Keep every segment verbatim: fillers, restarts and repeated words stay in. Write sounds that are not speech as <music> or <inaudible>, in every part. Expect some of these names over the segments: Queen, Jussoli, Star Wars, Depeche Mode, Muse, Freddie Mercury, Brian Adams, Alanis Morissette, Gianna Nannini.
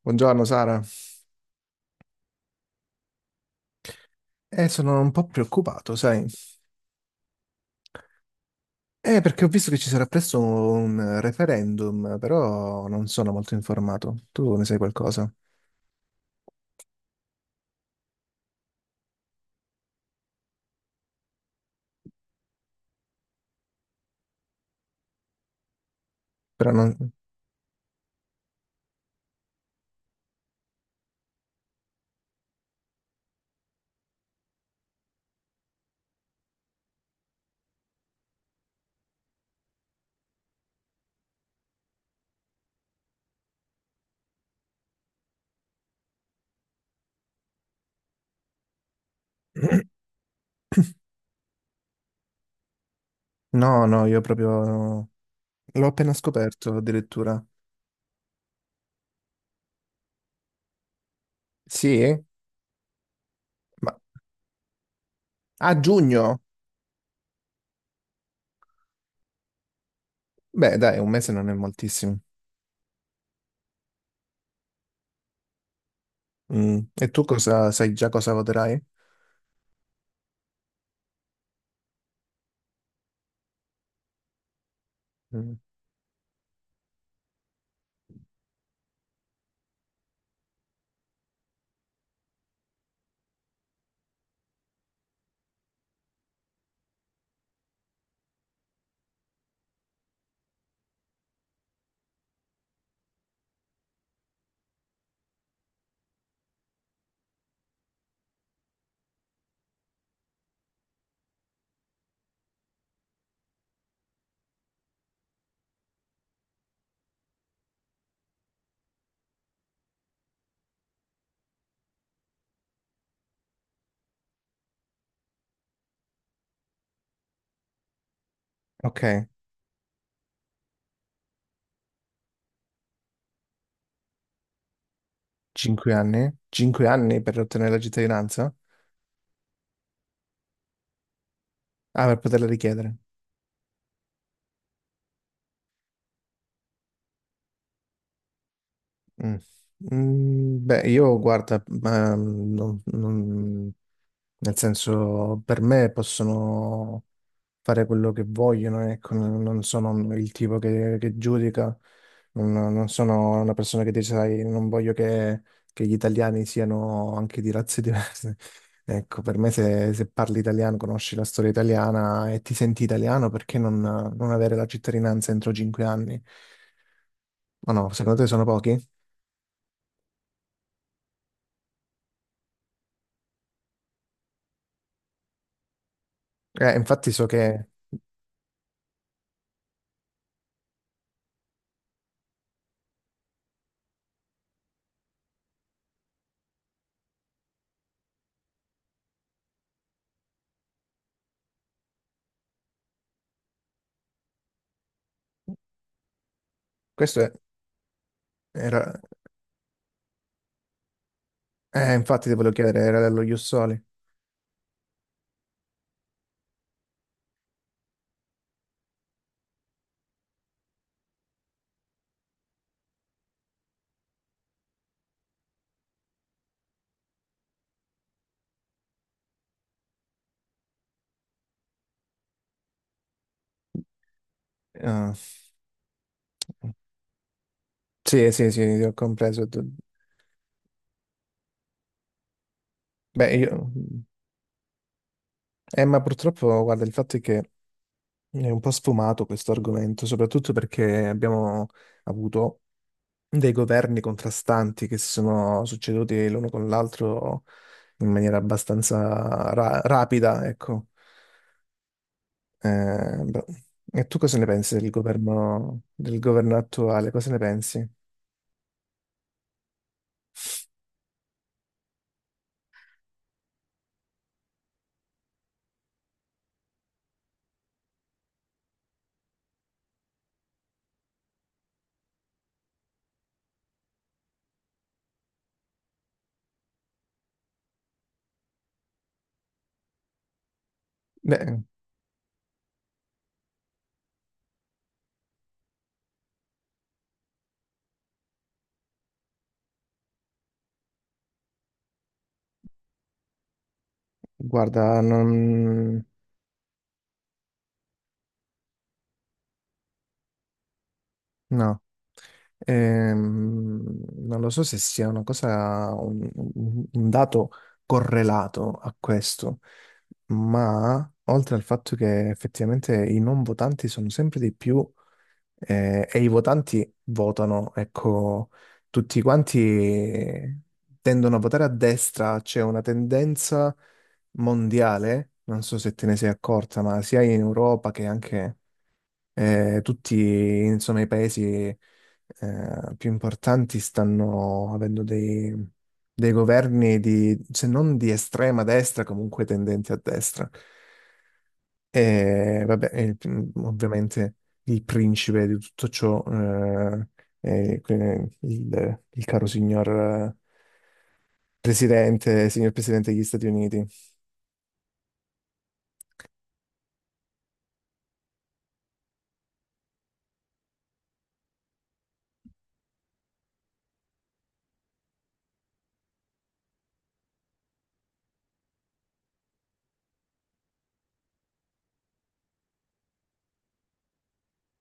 Buongiorno Sara. Eh, sono un po' preoccupato, sai? Eh, perché ho visto che ci sarà presto un referendum, però non sono molto informato. Tu ne sai qualcosa? Però non. <clears throat> No, no, io proprio l'ho appena scoperto addirittura. Sì? Ma a giugno? Beh, dai, un mese non è moltissimo. Mm. E tu cosa sai già cosa voterai? Ok, cinque anni? cinque anni per ottenere la cittadinanza? Ah, per poterla richiedere. Mm. Mm, beh, io guarda, ma, mm, non- non- nel senso, per me possono, fare quello che vogliono, ecco, non non sono il tipo che, che giudica, non, non sono una persona che dice, sai, non voglio che, che gli italiani siano anche di razze diverse. <laughs> Ecco, per me se, se parli italiano, conosci la storia italiana e ti senti italiano, perché non, non avere la cittadinanza entro cinque anni? Ma no, secondo te sono pochi? Eh, infatti so che questo è- era. Eh, infatti ti volevo chiedere, era dello Jussoli. Ah. Sì, sì, sì, ho compreso. Beh, io... Eh, ma purtroppo, guarda, il fatto è che è un po' sfumato questo argomento, soprattutto perché abbiamo avuto dei governi contrastanti che si sono succeduti l'uno con l'altro in maniera abbastanza ra- rapida, ecco. Eh, beh, e tu cosa ne pensi del governo, del governo attuale? Cosa ne pensi? Beh, guarda, non. No. Ehm, non lo so se sia una cosa, un, un- un dato correlato a questo, ma oltre al fatto che effettivamente i non votanti sono sempre di più, eh, e i votanti votano, ecco, tutti quanti tendono a votare a destra, c'è una tendenza mondiale, non so se te ne sei accorta, ma sia in Europa che anche eh, tutti, insomma, i paesi eh, più importanti stanno avendo dei, dei governi di, se non di estrema destra, comunque tendenti a destra. E vabbè, e, mm, ovviamente il principe di tutto ciò eh, è que- il, il caro signor eh, presidente, signor presidente degli Stati Uniti.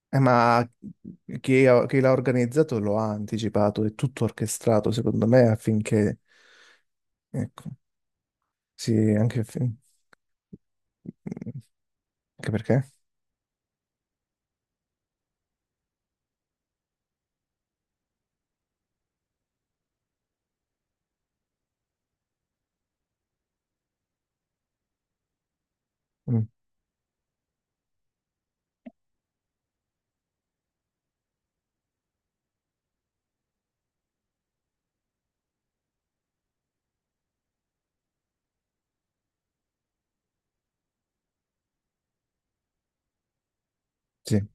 Eh, ma chi, ha- chi l'ha organizzato lo ha anticipato, è tutto orchestrato, secondo me, affinché. Ecco, sì, anche, anche perché? Mm, sì,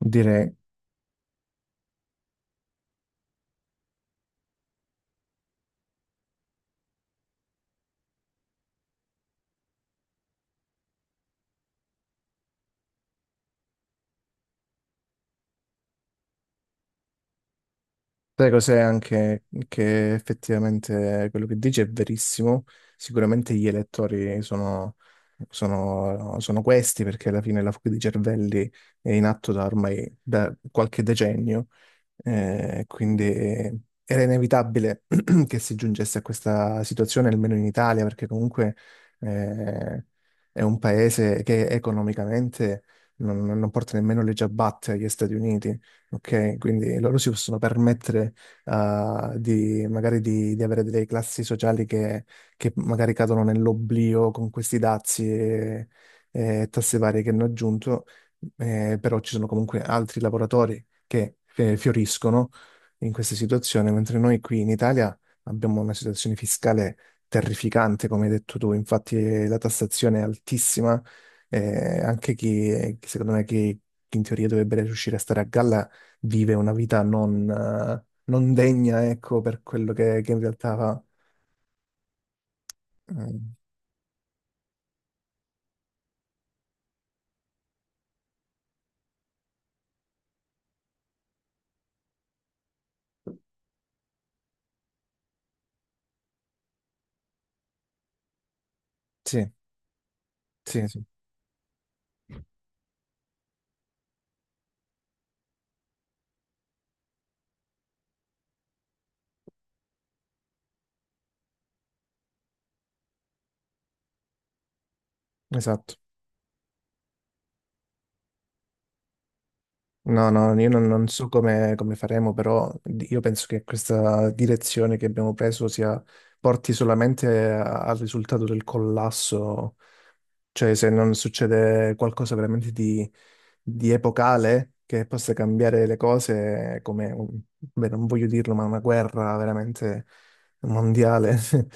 direi. Sai cos'è anche che effettivamente quello che dici è verissimo, sicuramente gli elettori sono, sono- sono questi perché alla fine la fuga di cervelli è in atto da ormai da qualche decennio. Eh, quindi era inevitabile <clears throat> che si giungesse a questa situazione, almeno in Italia, perché comunque eh, è un paese che economicamente non, non porta nemmeno le ciabatte agli Stati Uniti. Ok, quindi loro si possono permettere eh, di, magari di, di avere delle classi sociali che, che magari cadono nell'oblio con questi dazi e, e tasse varie che hanno aggiunto, eh, però ci sono comunque altri lavoratori che eh, fioriscono in questa situazione, mentre noi qui in Italia abbiamo una situazione fiscale terrificante, come hai detto tu, infatti la tassazione è altissima, eh, anche chi, chi secondo me chi chi in teoria dovrebbe riuscire a stare a galla vive una vita non, eh, non degna, ecco, per quello che, che in realtà fa. Mm, sì, sì, sì, esatto. No, no, io non, non so come, come faremo, però io penso che questa direzione che abbiamo preso sia, porti solamente a- al risultato del collasso, cioè se non succede qualcosa veramente di, di epocale che possa cambiare le cose, come, un- beh, non voglio dirlo, ma una guerra veramente mondiale, <laughs>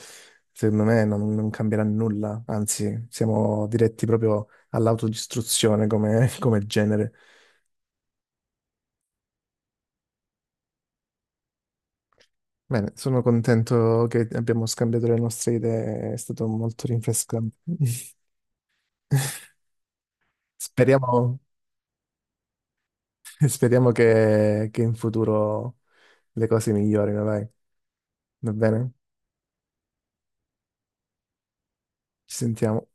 secondo me non, non cambierà nulla, anzi siamo diretti proprio all'autodistruzione come <laughs> come genere. Bene, sono contento che abbiamo scambiato le nostre idee, è stato molto rinfrescante. <laughs> Speriamo, speriamo che, che in futuro le cose migliorino, dai. Va bene? Ci sentiamo.